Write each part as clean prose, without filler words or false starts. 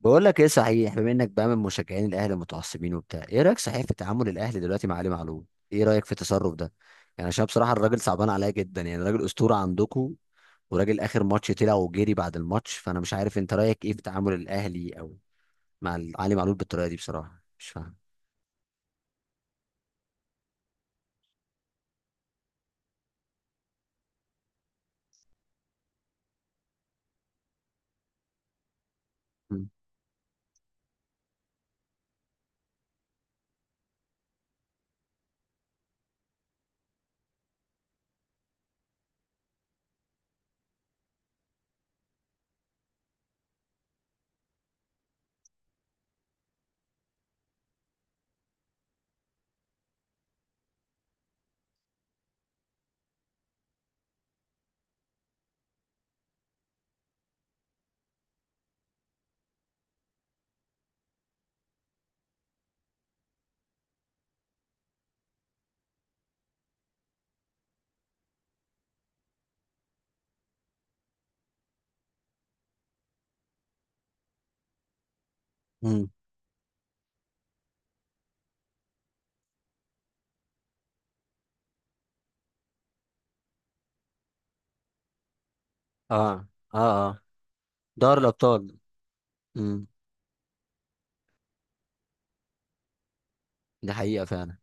بقول لك ايه صحيح. بما انك بقى من مشجعين الاهلي المتعصبين وبتاع، ايه رايك صحيح في تعامل الاهلي دلوقتي مع علي معلول؟ ايه رايك في التصرف ده؟ يعني عشان بصراحه الراجل صعبان عليا جدا، يعني راجل اسطوره عندكم، وراجل اخر ماتش طلع وجري بعد الماتش. فانا مش عارف انت رايك ايه في تعامل الاهلي او مع علي معلول بالطريقه دي، بصراحه مش فاهم. امم. اه اه. اه، دار الابطال. امم. دي حقيقه فعلا.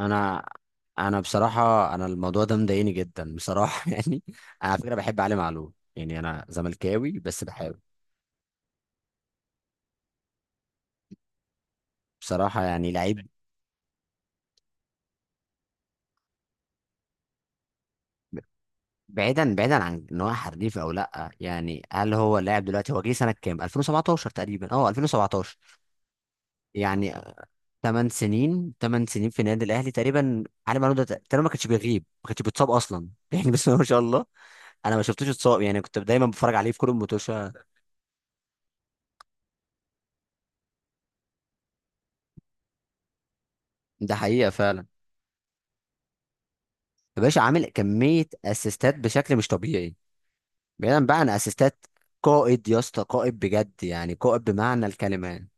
انا انا بصراحه انا الموضوع ده مضايقني جدا بصراحه يعني. انا على فكره بحب علي معلول، يعني انا زملكاوي بس بحب بصراحه، يعني لعيب. بعيدا، بعيدا عن ان هو حريف او لا، يعني هل هو لاعب دلوقتي؟ هو جه سنه كام، 2017 تقريبا، اه 2017. يعني 8 سنين، 8 سنين في النادي الاهلي تقريبا. علي معلول ده تقريبا ما كانش بيغيب، ما كانش بيتصاب اصلا يعني، بس ما شاء الله. انا ما شفتوش اتصاب يعني، كنت دايما بتفرج عليه في كل الماتشات. ده حقيقه فعلا. يا باشا عامل كمية اسيستات بشكل مش طبيعي. بعيدا بقى عن اسيستات، قائد يا اسطى، قائد بجد يعني، قائد بمعنى الكلمة يعني.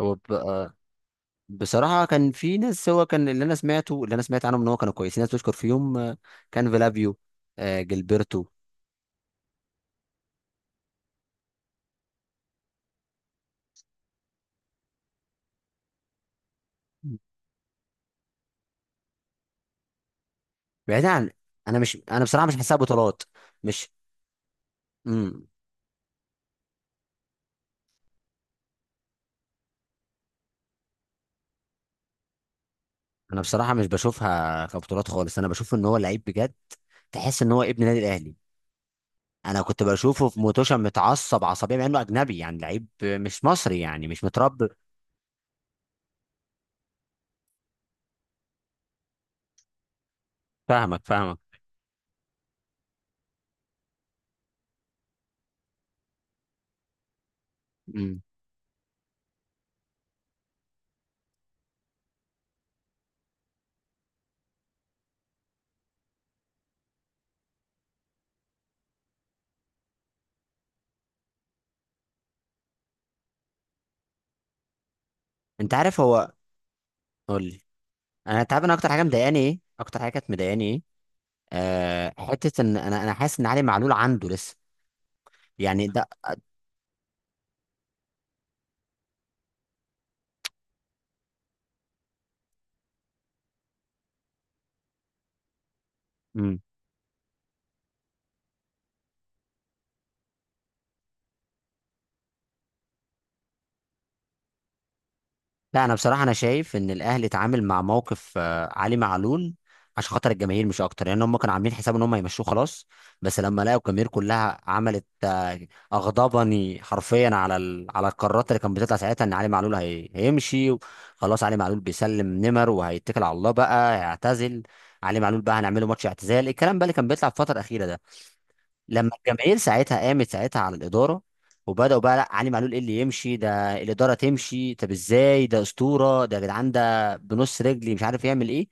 هو ب- آه، بصراحة كان في ناس، هو كان اللي انا سمعته، اللي انا سمعت عنهم ان هو كانوا كويسين، ناس بتشكر فيهم كان فيلافيو، جilberto. بعيدا عن، انا بصراحة مش حاسسها بطولات. مش، امم، انا بصراحة مش بشوفها كبطولات خالص. انا بشوف ان هو لعيب بجد، تحس ان هو ابن النادي الاهلي. انا كنت بشوفه في موتوشا متعصب عصبيه، مع انه اجنبي يعني، لعيب مش مصري يعني، مش متربي. فاهمك فاهمك. امم. انت عارف هو، قول لي. انا، انت عارف انا اكتر حاجه مضايقاني ايه، اكتر حاجه كانت مضايقاني ايه؟ آه، حته ان انا حاسس ان علي معلول عنده لسه، يعني. ده لا، انا بصراحه انا شايف ان الاهلي اتعامل مع موقف علي معلول عشان خاطر الجماهير، مش اكتر. لان هم كانوا عاملين حساب ان هم هيمشوه خلاص، بس لما لقوا الجماهير كلها عملت اغضبني حرفيا على ال... على القرارات اللي كانت بتطلع ساعتها ان علي معلول هي... هيمشي. خلاص علي معلول بيسلم نمر وهيتكل على الله بقى، هيعتزل. علي معلول بقى هنعمله ماتش اعتزال، الكلام بقى اللي كان بيطلع في الفتره الاخيره ده. لما الجماهير ساعتها قامت ساعتها على الاداره، وبداوا بقى لا، علي معلول ايه اللي يمشي ده؟ الاداره تمشي. طب ازاي ده اسطوره، ده يا جدعان ده بنص رجلي، مش عارف يعمل ايه.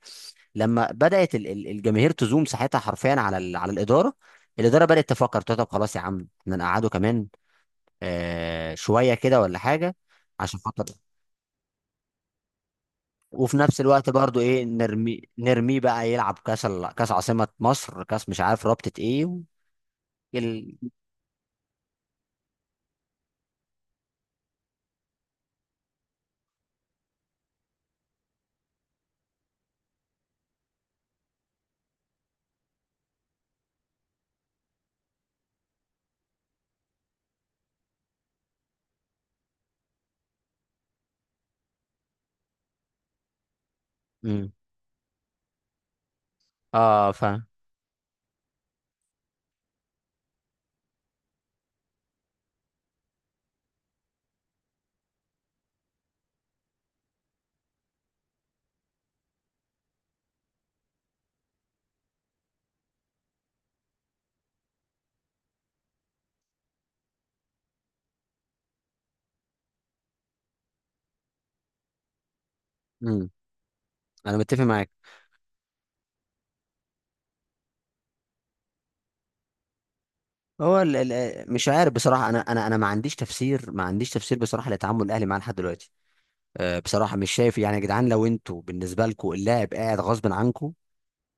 لما بدات الجماهير تزوم ساعتها حرفيا على على الاداره، الاداره بدات تفكر تقول طب خلاص يا عم احنا نقعده كمان آه شويه كده ولا حاجه. عشان خاطر، وفي نفس الوقت برضو، ايه، نرمي نرميه بقى يلعب كاس كاس عاصمه مصر، كاس مش عارف رابطه ايه و... ال... مم. اه فاهم. انا متفق معاك. هو ال ال مش عارف بصراحه، انا ما عنديش تفسير، ما عنديش تفسير بصراحه لتعامل الاهلي معاه لحد دلوقتي. أه بصراحه مش شايف. يعني يا جدعان لو انتوا بالنسبه لكم اللاعب قاعد غصب عنكم،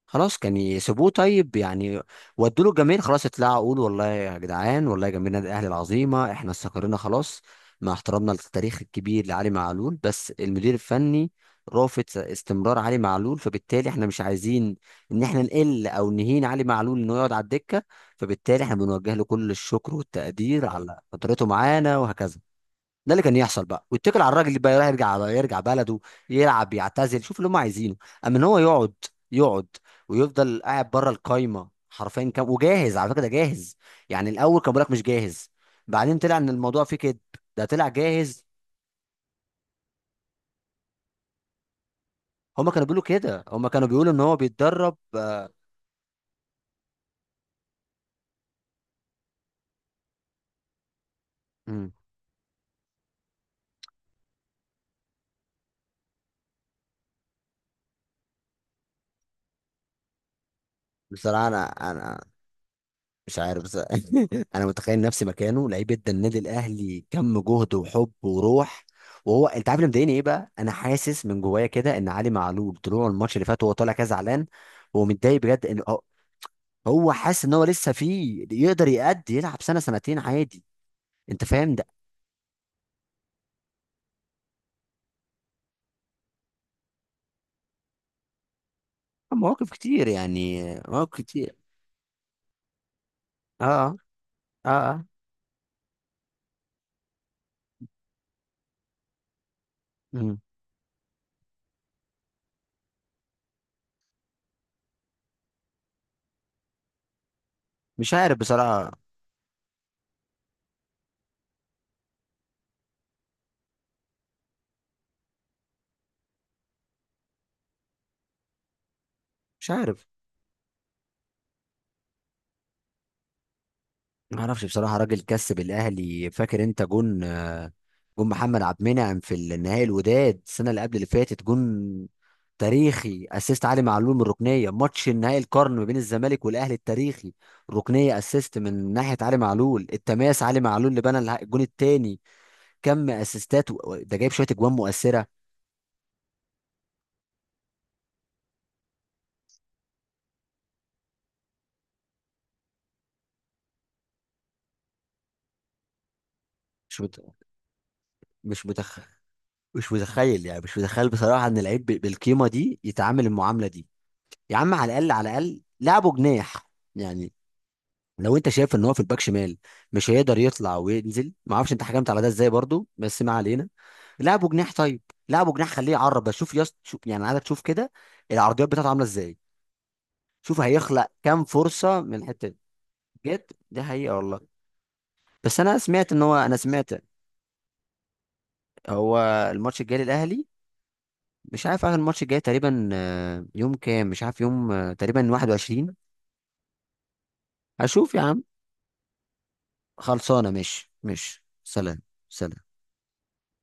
خلاص كان يسيبوه طيب يعني. ودوا له الجماهير خلاص، اطلعوا قولوا والله يا جدعان، والله جماهير النادي الاهلي العظيمه احنا استقرينا خلاص مع احترامنا للتاريخ الكبير لعلي معلول، بس المدير الفني رافض استمرار علي معلول، فبالتالي احنا مش عايزين ان احنا نقل او نهين علي معلول انه يقعد على الدكه، فبالتالي احنا بنوجه له كل الشكر والتقدير على فترته معانا وهكذا. ده اللي كان يحصل بقى، ويتكل على الراجل اللي بقى يروح يرجع على، يرجع بلده يلعب يعتزل، شوف اللي هم عايزينه. اما ان هو يقعد، يقعد ويفضل قاعد بره القايمه حرفيا، كام وجاهز، على فكره ده جاهز. يعني الاول كان بيقول لك مش جاهز، بعدين طلع ان الموضوع فيه كده، ده طلع جاهز. هم كانوا بيقولوا كده، هم كانوا بيقولوا ان هو بيتدرب. مم. بصراحه انا مش عارف بس انا متخيل نفسي مكانه، لعيب ادى النادي الاهلي كم جهد وحب وروح. وهو انت عارف اللي مضايقني ايه بقى، انا حاسس من جوايا كده ان علي معلول طلوع الماتش اللي فات وهو طالع كده زعلان، هو متضايق بجد، ان هو، هو حاسس ان هو لسه فيه، يقدر يأدي يلعب سنه سنتين عادي. انت فاهم ده؟ مواقف كتير يعني، مواقف كتير. اه اه اه. مم. مش عارف بصراحه، مش عارف، ما اعرفش بصراحه. راجل كسب الاهلي، فاكر انت جون جون محمد عبد المنعم في النهائي الوداد السنه اللي قبل اللي فاتت؟ جون تاريخي، اسيست علي معلول من الركنيه. ماتش النهائي القرن ما بين الزمالك والاهلي التاريخي، ركنيه اسيست من ناحيه علي معلول، التماس علي معلول اللي بنى الجون الثاني. كم اسيستات ده جايب شويه اجوان مؤثره. مش مت... مش متخ... مش متخيل يعني، مش متخيل بصراحه ان لعيب بالقيمه دي يتعامل المعامله دي. يا عم على الاقل، على الاقل لعبه جناح يعني. لو انت شايف ان هو في الباك شمال مش هيقدر يطلع وينزل، ما اعرفش انت حكمت على ده ازاي برضو، بس ما علينا. لعبه جناح طيب، لعبه جناح، خليه يعرب شوف يس شوف، يعني عايزك تشوف كده العرضيات بتاعته عامله ازاي، شوف هيخلق كام فرصه من الحته دي. بجد دي حقيقه والله. بس انا سمعت ان هو، انا سمعت. هو الماتش الجاي للاهلي، مش عارف اخر الماتش الجاي تقريبا يوم كام، مش عارف يوم تقريبا 21. هشوف يا عم، خلصانه. مش سلام. سلام.